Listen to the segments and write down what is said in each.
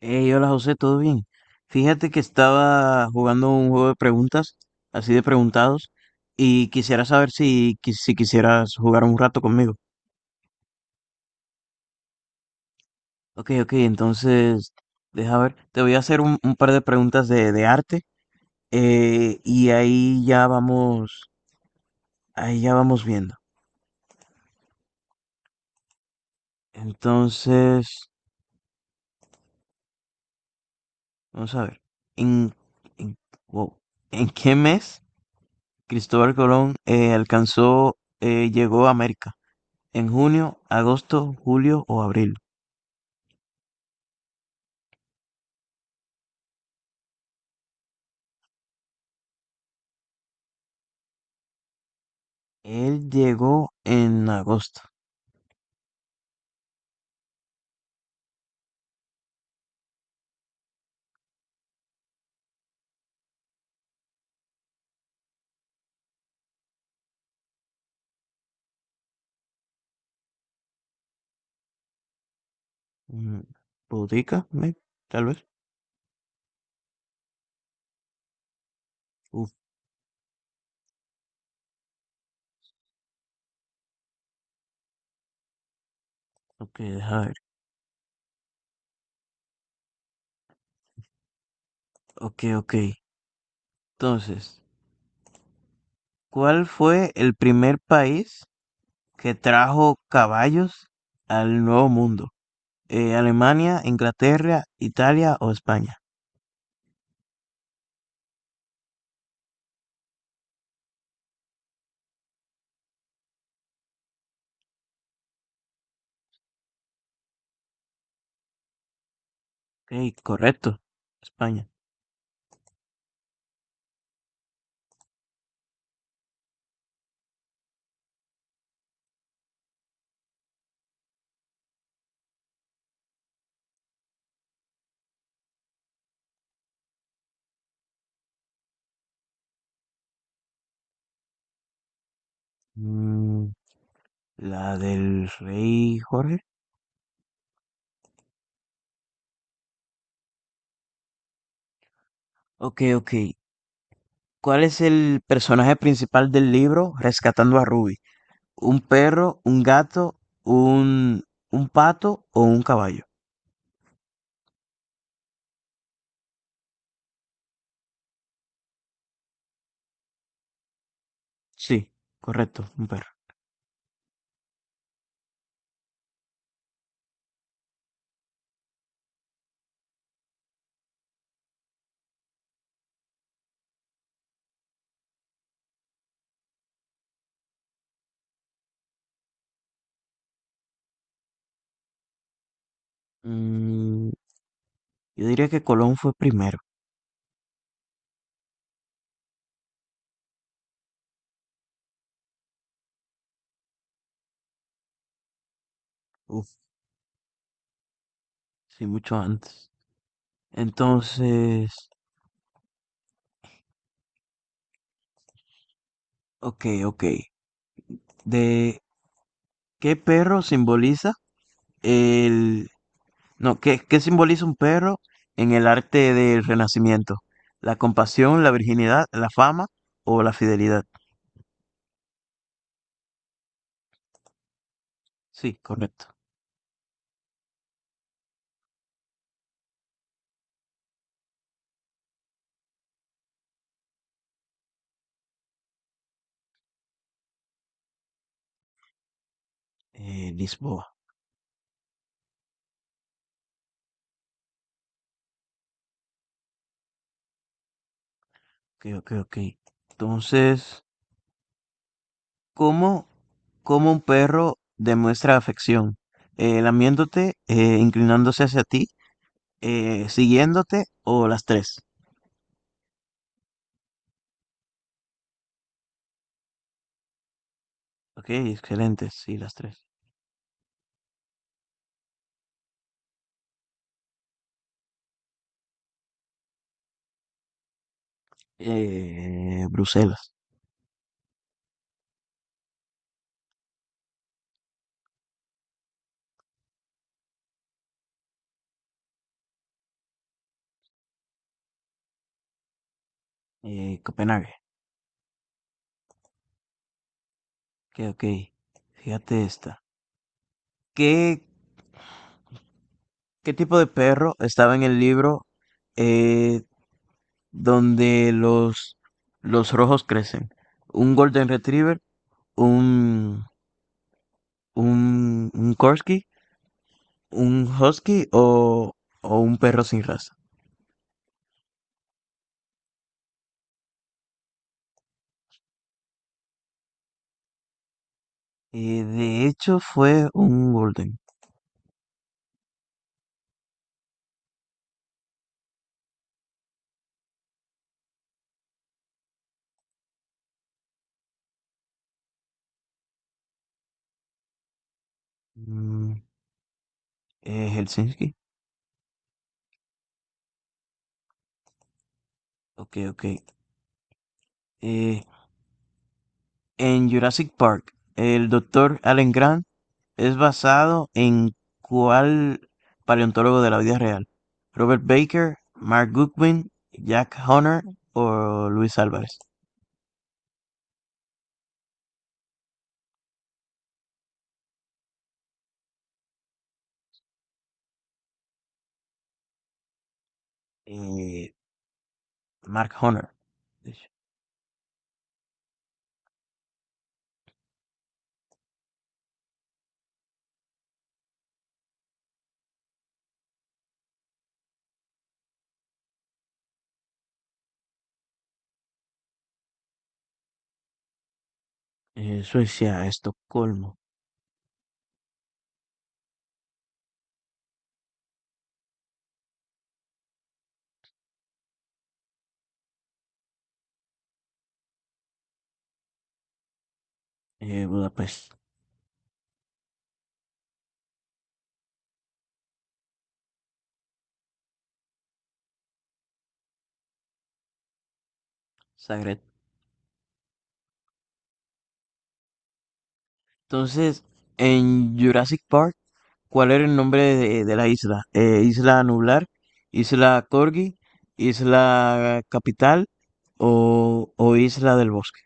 Hey, hola José, ¿todo bien? Fíjate que estaba jugando un juego de preguntas, así de preguntados, y quisiera saber si, si quisieras jugar un rato conmigo. Ok, ok, entonces, deja ver, te voy a hacer un par de preguntas de arte, y ahí ya vamos viendo. Entonces, vamos a ver, en, en, wow, ¿en qué mes Cristóbal Colón alcanzó, llegó a América? En junio, agosto, julio o abril. Él llegó en agosto. Mm, ¿Pudica? Tal vez. Uf, ok, deja ver. Ok, ok. Entonces, ¿cuál fue el primer país que trajo caballos al Nuevo Mundo? ¿Alemania, Inglaterra, Italia o España? Ok, correcto. España. Mm, ¿la del rey Jorge? Ok, ok. ¿Cuál es el personaje principal del libro Rescatando a Ruby? ¿Un perro, un gato, un, un pato o un caballo? Sí, correcto, un perro. Mm, yo diría que Colón fue primero. Uf, sí, mucho antes. Entonces, ok, ok. ¿De qué perro simboliza el... No, ¿qué simboliza un perro en el arte del Renacimiento? ¿La compasión, la virginidad, la fama o la fidelidad? Sí, correcto. Lisboa. Ok, ok, ok. Entonces, ¿cómo, ¿cómo un perro demuestra afección? Lamiéndote, inclinándose hacia ti, siguiéndote o las tres. Ok, excelente, sí, las tres. Bruselas, Copenhague. Ok, ok. Fíjate esta. ¿Qué, ¿qué tipo de perro estaba en el libro eh, donde los rojos crecen? ¿Un Golden Retriever? ¿Un ¿Un Corgi, un Husky o un perro sin raza. De hecho, fue un Golden. Mm, Helsinki. Ok, ok. Eh, en Jurassic Park, ¿el doctor Alan Grant es basado en cuál paleontólogo de la vida real? Robert Baker, Mark Goodwin, Jack Honor o Luis Álvarez. Eh, Mark Honor, de hecho. Suecia, Estocolmo, Budapest. Zagreb. Entonces, en Jurassic Park, ¿cuál era el nombre de la isla? ¿Isla Nublar? ¿Isla Corgi? ¿Isla Capital? O Isla del Bosque?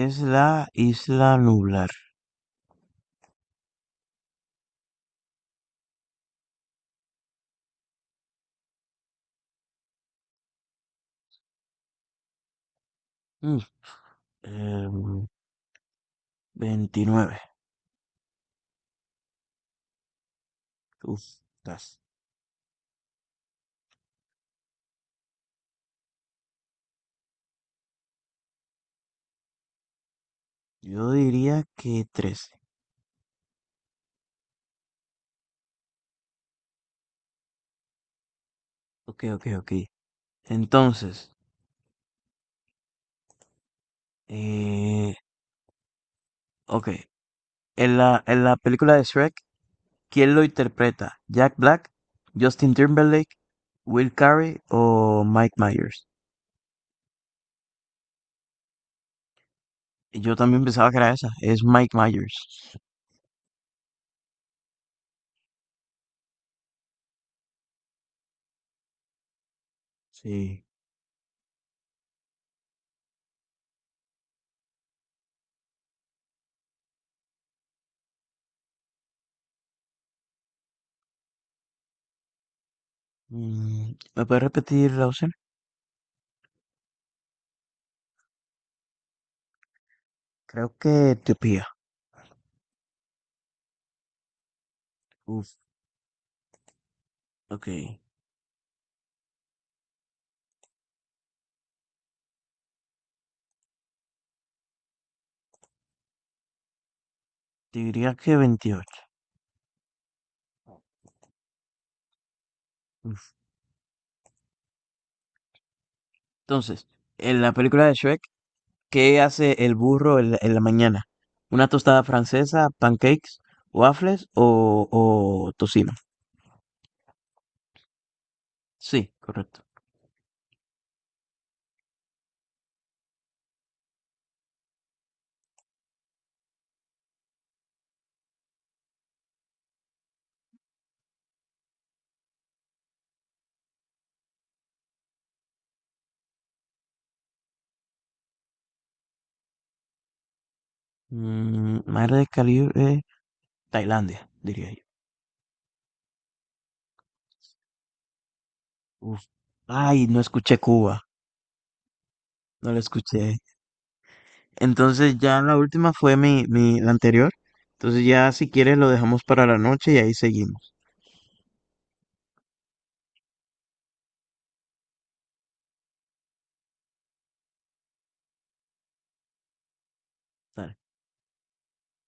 Es la Isla Nublar. Mm, em, 29. Uf, tas. Yo diría que 13. Ok, ok, ok. Entonces, eh, ok. En en la película de Shrek, ¿quién lo interpreta, Jack Black, Justin Timberlake, Will Carey o Mike Myers? Y yo también pensaba que era esa, es Mike Myers. Sí. Mm, ¿me puedes repetir la opción? Creo que Etiopía. Uf, ok. Te diría que 28. Uf. Entonces, en la película de Shrek, ¿qué hace el burro en en la mañana? ¿Una tostada francesa, pancakes, waffles o tocino? Sí, correcto. Mm, madre de calibre. Tailandia, diría yo. Uf. Ay, no escuché Cuba, no la escuché. Entonces ya la última fue la anterior. Entonces ya si quieres lo dejamos para la noche y ahí seguimos. Dale.